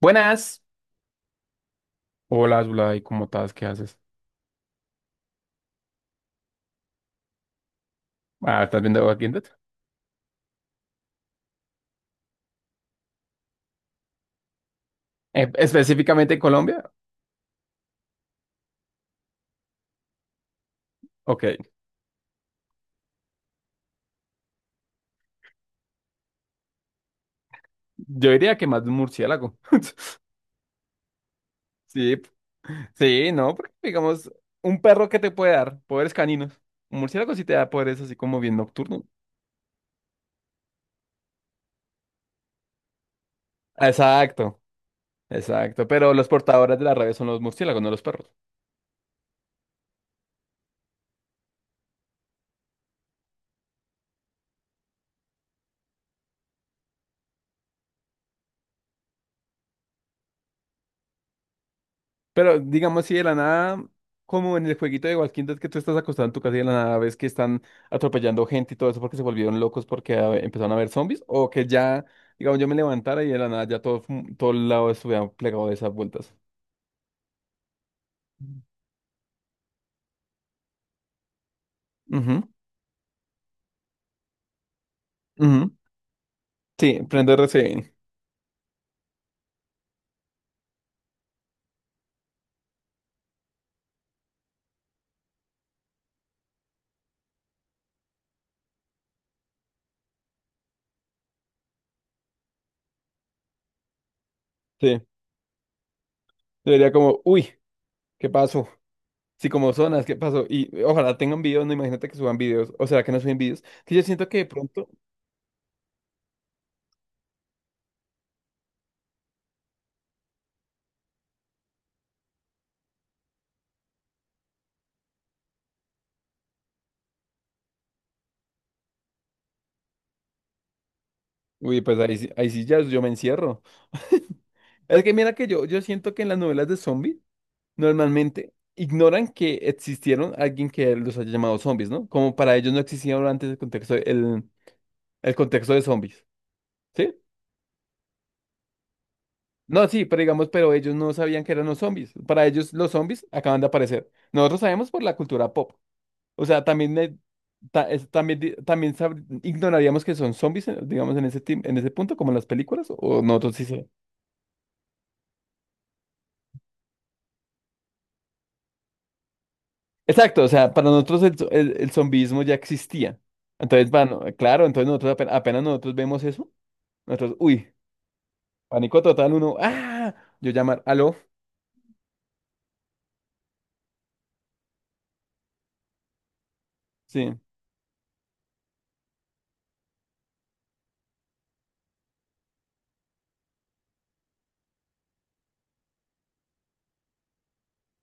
Buenas. Hola, Zulay, ¿cómo estás? ¿Qué haces? Ah, ¿estás viendo aquí en Twitter? Específicamente Colombia. Ok, yo diría que más de un murciélago. Sí, sí, no, porque digamos, un perro que te puede dar poderes caninos. Un murciélago sí te da poderes así como bien nocturno. Exacto, exacto. Pero los portadores de la rabia son los murciélagos, no los perros. Pero digamos, si de la nada, como en el jueguito de Walking Dead, que tú estás acostado en tu casa y de la nada ves que están atropellando gente y todo eso porque se volvieron locos porque empezaron a ver zombies, o que ya, digamos, yo me levantara y de la nada ya todo, todo el lado estuviera plegado de esas vueltas. Ujú, ujú. Sí, prende RCN. Sí, sería como, uy, ¿qué pasó? Sí, como zonas, ¿qué pasó? Y ojalá tengan videos, no, imagínate que suban videos, o será que no suben videos, que yo siento que de pronto, uy, pues ahí, ahí sí ya yo me encierro. Es que mira que yo siento que en las novelas de zombies normalmente ignoran que existieron alguien que los haya llamado zombies, ¿no? Como para ellos no existía antes el contexto, el contexto de zombies, ¿sí? No, sí, pero digamos, pero ellos no sabían que eran los zombies. Para ellos los zombies acaban de aparecer. Nosotros sabemos por la cultura pop. O sea, también, también, también ignoraríamos que son zombies, digamos, en ese, en ese punto, como en las películas, o nosotros sí. Exacto, o sea, para nosotros el, el zombismo ya existía. Entonces, bueno, claro, entonces nosotros apenas, nosotros vemos eso, nosotros, uy, pánico total, uno, ah, yo llamar, aló, sí,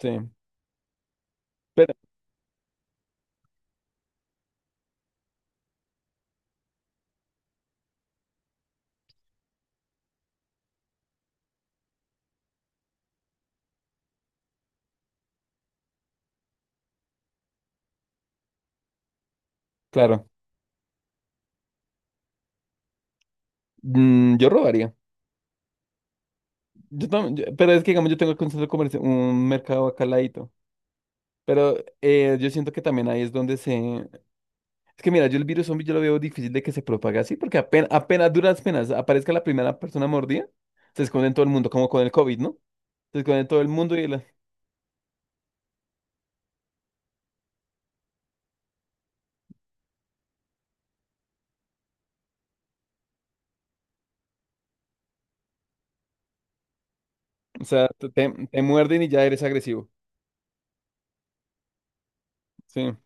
sí, pero, claro, mm, yo robaría, yo, pero es que, digamos, yo tengo aquí un centro comercial, un mercado acá al ladito, pero yo siento que también ahí es donde se, es que mira, yo el virus zombie yo lo veo difícil de que se propague así, porque apenas, apenas duras penas aparezca la primera persona mordida, se esconde en todo el mundo, como con el COVID, ¿no? Se esconde en todo el mundo y la... O sea, te muerden y ya eres agresivo. Sí,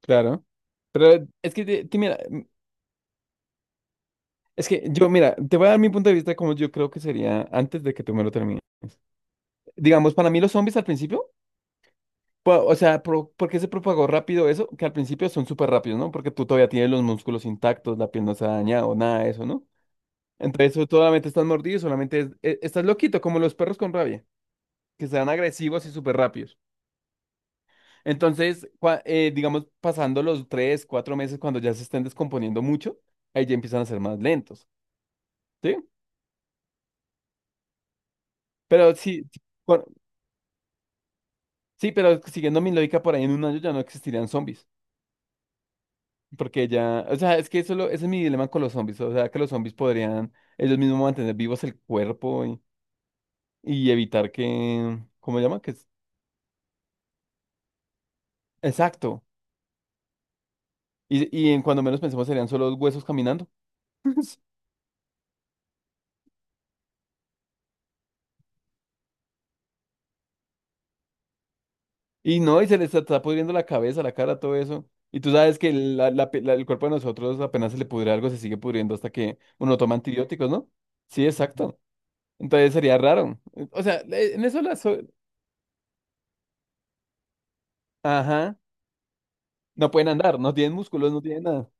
claro. Pero es que, mira, mm, es que yo, mira, te voy a dar mi punto de vista como yo creo que sería antes de que tú me lo termines. Digamos, para mí los zombies al principio, o sea, ¿por qué se propagó rápido eso? Que al principio son súper rápidos, ¿no? Porque tú todavía tienes los músculos intactos, la piel no se ha dañado, nada de eso, ¿no? Entonces, tú solamente estás mordido, solamente estás loquito, como los perros con rabia, que se dan agresivos y súper rápidos. Entonces, digamos, pasando los tres, cuatro meses, cuando ya se estén descomponiendo mucho, ahí ya empiezan a ser más lentos, ¿sí? Pero sí, sí, pero siguiendo mi lógica, por ahí en un año ya no existirían zombies, porque ya, o sea, es que ese es mi dilema con los zombies, o sea, que los zombies podrían ellos mismos mantener vivos el cuerpo y evitar que, ¿cómo se llama? Que es, exacto. Y en cuando menos pensemos serían solo huesos caminando. Y no, y se le está, está pudriendo la cabeza, la cara, todo eso. Y tú sabes que el cuerpo de nosotros apenas se le pudre algo, se sigue pudriendo hasta que uno toma antibióticos, ¿no? Sí, exacto. Entonces sería raro. O sea, en eso las... so- Ajá. No pueden andar, no tienen músculos, no tienen nada.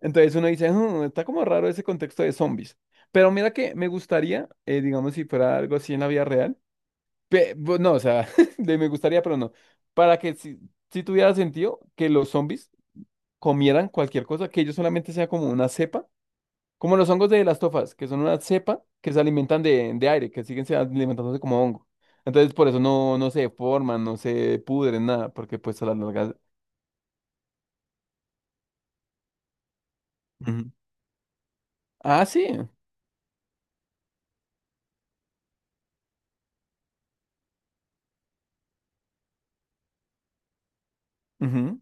Entonces uno dice, "Hmm, está como raro ese contexto de zombies. Pero mira que me gustaría, digamos, si fuera algo así en la vida real. No, o sea, de me gustaría, pero no. Para que si, si tuviera sentido que los zombies comieran cualquier cosa, que ellos solamente sea como una cepa, como los hongos de las tofas, que son una cepa que se alimentan de aire, que siguen se alimentándose como hongo. Entonces, por eso no, no se deforman, no se pudren, nada, porque pues a la larga Ujú. Ah, sí. Ujú.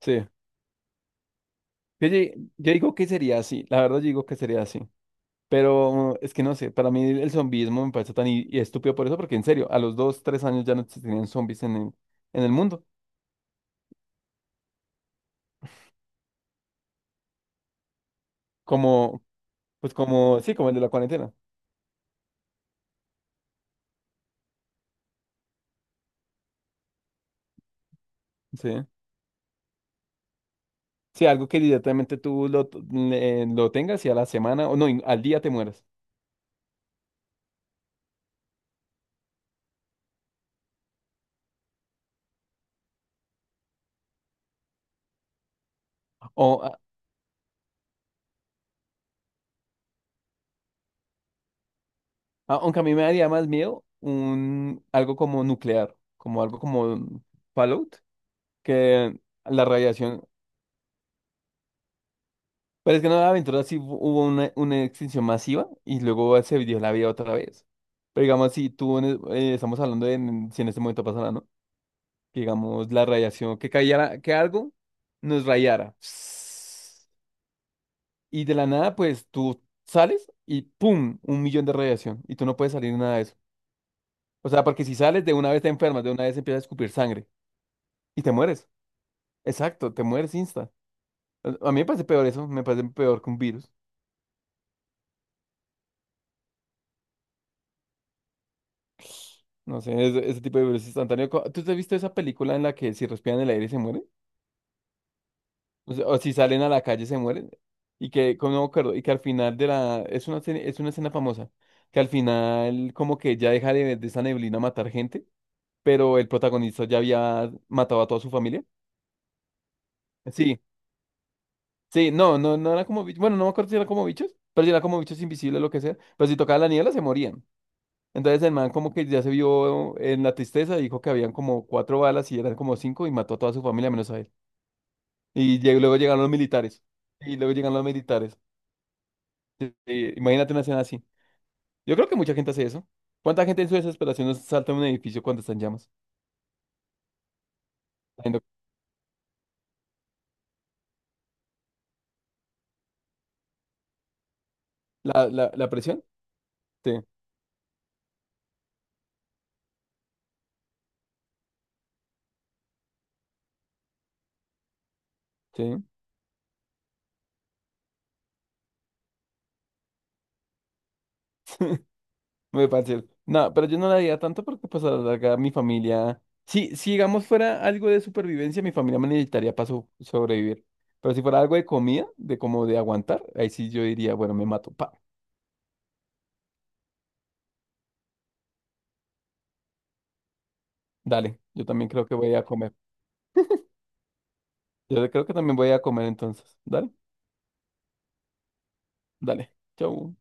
Sí. Yo, yo digo que sería así, la verdad yo digo que sería así. Pero es que no sé, para mí el zombismo me parece tan estúpido por eso, porque en serio, a los dos, tres años ya no se tenían zombies en el mundo. Como, pues como, sí, como el de la cuarentena. Sí. Sí, algo que directamente tú lo, t- le- lo tengas y a la semana, o no, y al día te mueras. O, a- aunque a mí me daría más miedo un, algo como nuclear, como algo como Fallout, que la radiación. Pero es que no, la aventura sí hubo una extinción masiva y luego se dio la vida otra vez. Pero digamos, si tú, estamos hablando si en este momento pasara, ¿no? Que digamos, la radiación, que cayera, que algo nos rayara. Y de la nada, pues tú sales y ¡pum! Un millón de radiación. Y tú no puedes salir de nada de eso. O sea, porque si sales de una vez te enfermas, de una vez empiezas a escupir sangre y te mueres. Exacto, te mueres insta. A mí me parece peor eso, me parece peor que un virus. No sé, ese tipo de virus instantáneo. Co- ¿Tú te has visto esa película en la que si respiran el aire se mueren? O sea, o si salen a la calle se mueren. Y que, como no me acuerdo, y que al final de la... Es una, es una escena famosa. Que al final como que ya deja de esa neblina matar gente, pero el protagonista ya había matado a toda su familia. Sí, sí, no, no, no era como bichos. Bueno, no me acuerdo si era como bichos, pero si era como bichos invisibles, lo que sea. Pero si tocaba la niebla, se morían. Entonces el man como que ya se vio en la tristeza, dijo que habían como cuatro balas y eran como cinco y mató a toda su familia menos a él. Y luego llegaron los militares. Y luego llegan los militares. Imagínate una escena así. Yo creo que mucha gente hace eso. ¿Cuánta gente en su desesperación no salta en un edificio cuando está en llamas? La presión. Sí, sí. Me parece. No, pero yo no la haría tanto porque pues a la larga mi familia, si, si digamos fuera algo de supervivencia, mi familia me necesitaría para sobrevivir. Pero si fuera algo de comida, de como de aguantar, ahí sí yo diría, bueno, me mato, pa, dale, yo también creo que voy a comer. Yo creo que también voy a comer entonces. Dale, dale, chau.